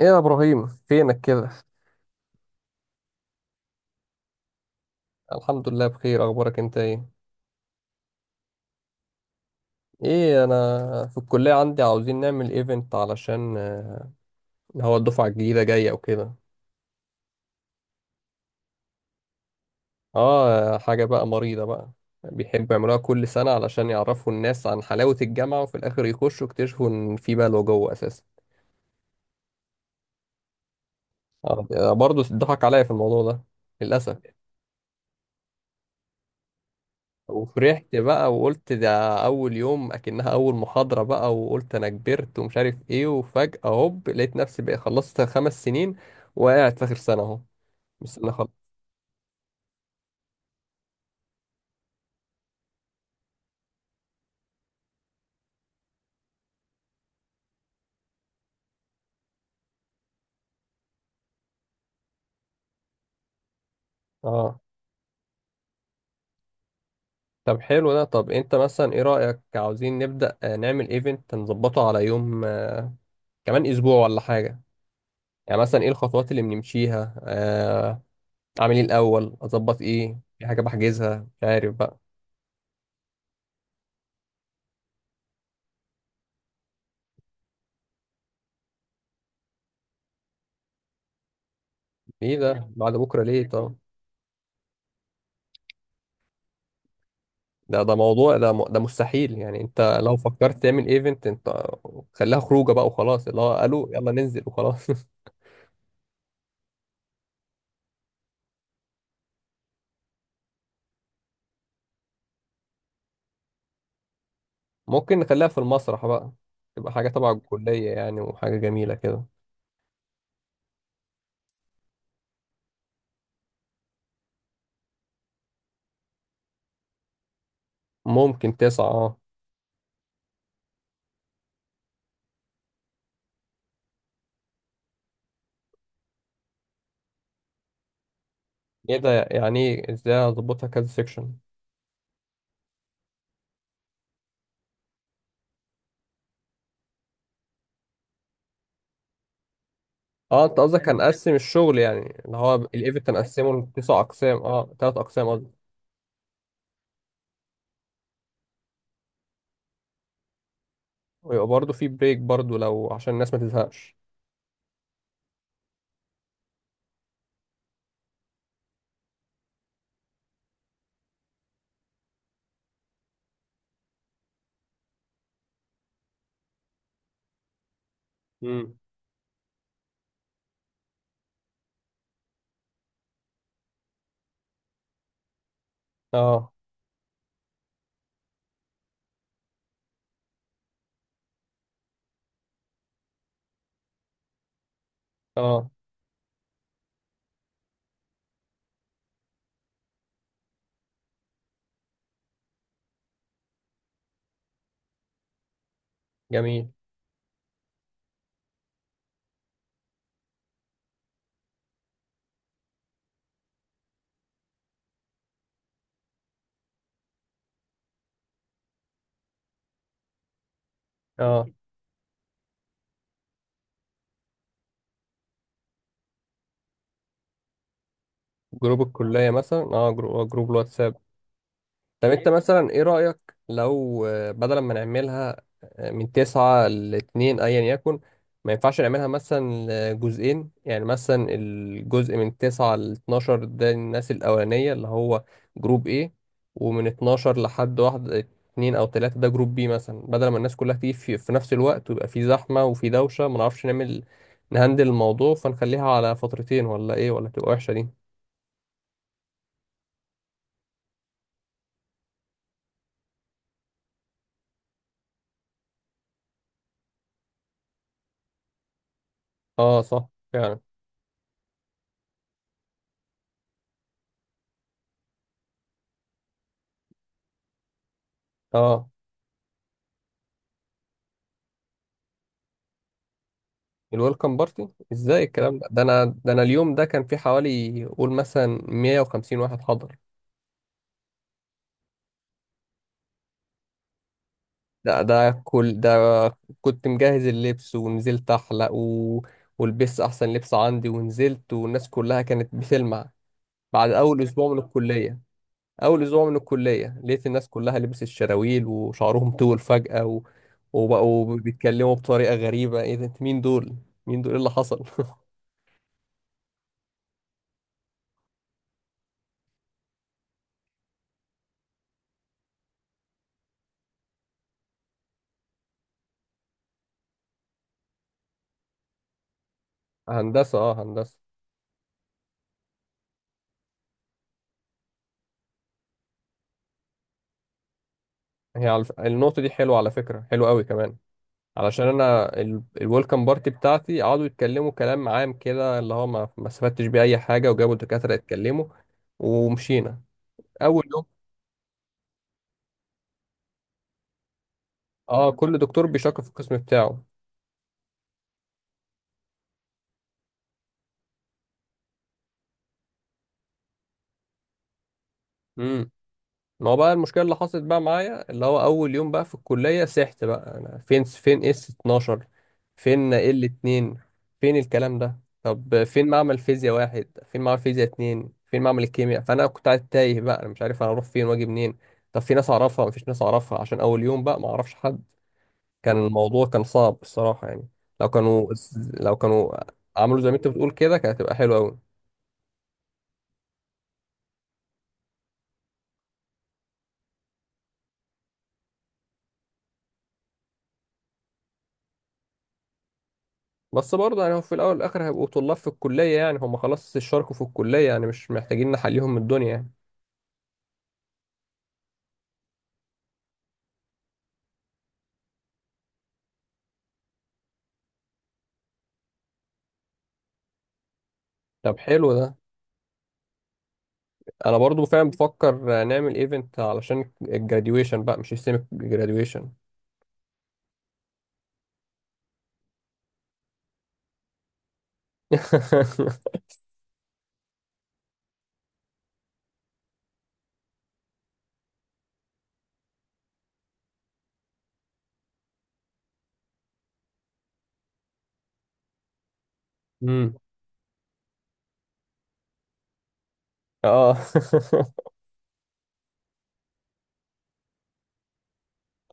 ايه يا ابراهيم فينك كده؟ الحمد لله، بخير. اخبارك انت ايه؟ ايه، انا في الكليه عندي عاوزين نعمل ايفنت، علشان هو الدفعه الجديده جايه وكده. اه، حاجه بقى مريضه بقى. بيحبوا يعملوها كل سنه علشان يعرفوا الناس عن حلاوه الجامعه، وفي الاخر يخشوا يكتشفوا ان في بلوى جوه اساسا. برضه اتضحك عليا في الموضوع ده، للاسف. وفرحت بقى وقلت ده اول يوم، اكنها اول محاضرة بقى، وقلت انا كبرت ومش عارف ايه، وفجأة هوب لقيت نفسي بقى خلصت 5 سنين، وقاعد في اخر سنة اهو. مش سنة خالص. اه. طب حلو ده. طب انت مثلا ايه رأيك، عاوزين نبدأ نعمل ايفنت نظبطه على يوم، كمان اسبوع ولا حاجة. يعني مثلا ايه الخطوات اللي بنمشيها؟ اعمل ايه الاول، اظبط ايه، في حاجة بحجزها، مش عارف بقى. ايه ده بعد بكرة ليه طب؟ ده موضوع، ده مستحيل يعني. انت لو فكرت تعمل ايفنت، انت خليها خروجه بقى وخلاص، اللي هو قالوا يلا ننزل وخلاص. ممكن نخليها في المسرح بقى. تبقى حاجه تبع الكليه يعني، وحاجه جميله كده. ممكن تسعة، اه. ايه ده؟ يعني ايه، ازاي هظبطها كذا سيكشن؟ اه، انت قصدك هنقسم الشغل، يعني اللي هو الايفنت هنقسمه لتسع اقسام، اه، ثلاث اقسام قصدي. ويبقى برضه في بريك برضه، لو عشان الناس ما تزهقش. مم. اه. اه. جميل. اه، جروب الكلية مثلا، اه، جروب الواتساب. طب انت مثلا ايه رأيك، لو بدل ما نعملها من تسعة لاتنين، ايا يكن، ما ينفعش نعملها مثلا لجزئين؟ يعني مثلا الجزء من تسعة لاتناشر ده الناس الأولانية، اللي هو جروب ايه، ومن اتناشر لحد واحد اتنين أو تلاتة ده جروب بي مثلا، بدل ما الناس كلها تيجي في نفس الوقت ويبقى في زحمة وفي دوشة، ما نعرفش نعمل، نهندل الموضوع. فنخليها على فترتين ولا ايه، ولا تبقى وحشة دي؟ اه، صح. فعلا. اه، الويلكم بارتي، ازاي الكلام ده؟ ده انا اليوم ده كان في حوالي قول مثلا 150 واحد حضر. ده كل ده. كنت مجهز اللبس ونزلت احلق، و... ولبست احسن لبس عندي، ونزلت والناس كلها كانت بتلمع. بعد اول اسبوع من الكلية. اول اسبوع من الكلية لقيت الناس كلها لبس الشراويل وشعرهم طول فجأة، و... وبقوا بيتكلموا بطريقة غريبة. ايه ده؟ مين دول؟ مين دول؟ ايه اللي حصل؟ هندسة، اه، هندسة. هي على النقطة دي حلوة على فكرة، حلوة قوي كمان. علشان أنا الويلكم بارتي بتاعتي قعدوا يتكلموا كلام عام كده، اللي هو ما استفدتش بيه أي حاجة، وجابوا الدكاترة يتكلموا ومشينا. أول يوم. اه، كل دكتور بيشكر في القسم بتاعه. مم. ما هو بقى المشكله اللي حصلت بقى معايا، اللي هو اول يوم بقى في الكليه، سحت بقى، انا فين اس 12؟ فين ال 2؟ فين الكلام ده؟ طب فين معمل فيزياء واحد، فين معمل فيزياء اتنين، فين معمل الكيمياء؟ فانا كنت قاعد تايه بقى، انا مش عارف انا اروح فين واجي منين. طب في ناس اعرفها؟ مفيش ناس اعرفها، عشان اول يوم بقى ما اعرفش حد. كان الموضوع كان صعب الصراحه يعني. لو كانوا لو كانوا عملوا زي ما انت بتقول كده كانت هتبقى حلوه قوي. بس برضه يعني هم في الاول والاخر هيبقوا طلاب في الكليه يعني، هم خلاص اشتركوا في الكليه يعني، مش محتاجين نحليهم من الدنيا يعني. طب حلو ده. انا برضه فعلا بفكر نعمل ايفنت علشان الجراديويشن بقى، مش السيمي جراديويشن. امم. اه.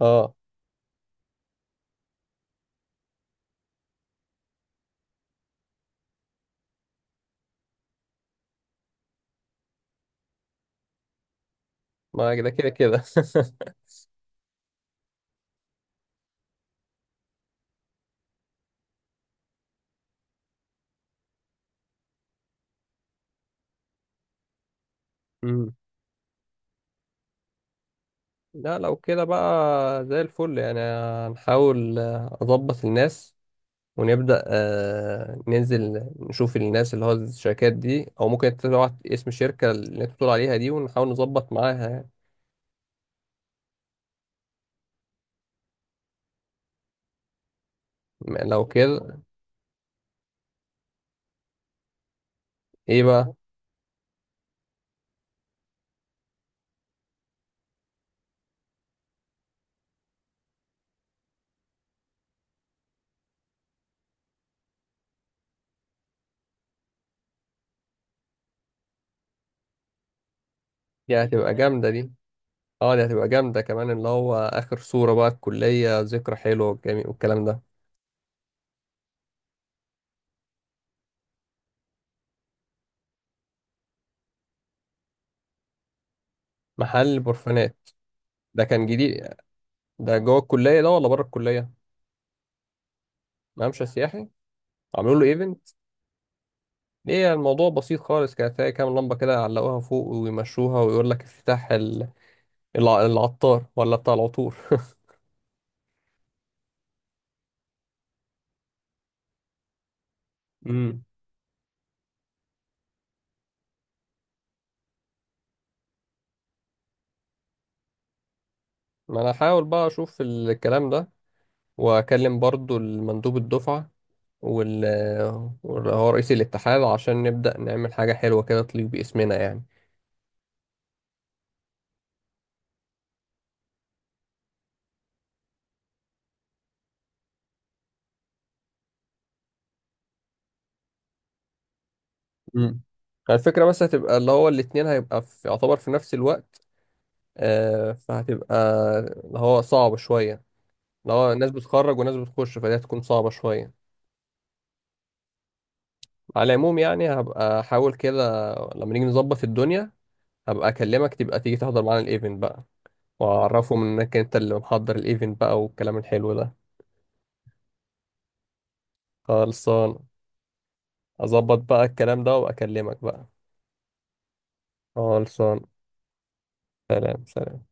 اه. ما كده كده كده. امم. لا، لو كده بقى زي الفل يعني. هنحاول اظبط الناس، ونبدأ ننزل نشوف الناس، اللي هو الشركات دي، أو ممكن تبعت اسم الشركة اللي أنت بتقول عليها دي ونحاول نظبط معاها يعني. لو كده، إيه بقى؟ دي هتبقى جامدة دي. اه، دي هتبقى جامدة كمان، اللي هو آخر صورة بقى الكلية، ذكرى حلوة والجميل والكلام ده. محل برفانات. ده كان جديد. ده جوه الكلية ده ولا بره الكلية؟ ممشى سياحي. عملوا له ايفنت. ايه الموضوع بسيط خالص، كانت هي كام لمبة كده علقوها فوق ويمشوها، ويقول لك افتتاح العطار ولا بتاع العطور. امم. ما انا هحاول بقى اشوف الكلام ده، واكلم برضو المندوب الدفعة، وال واللي هو رئيس الاتحاد، عشان نبدأ نعمل حاجة حلوة كده تليق باسمنا يعني. امم. الفكرة بس هتبقى اللي هو الاتنين هيبقى في، يعتبر في نفس الوقت، فهتبقى اللي هو صعب شوية، اللي هو ناس بتخرج وناس بتخش، فدي هتكون صعبة شوية. على العموم يعني، هبقى أحاول كده لما نيجي نظبط الدنيا، هبقى أكلمك تبقى تيجي تحضر معانا الإيفنت بقى، واعرفهم انك انت اللي محضر الايفنت بقى والكلام الحلو ده. خلصان. اظبط بقى الكلام ده واكلمك بقى. خلصان. سلام سلام.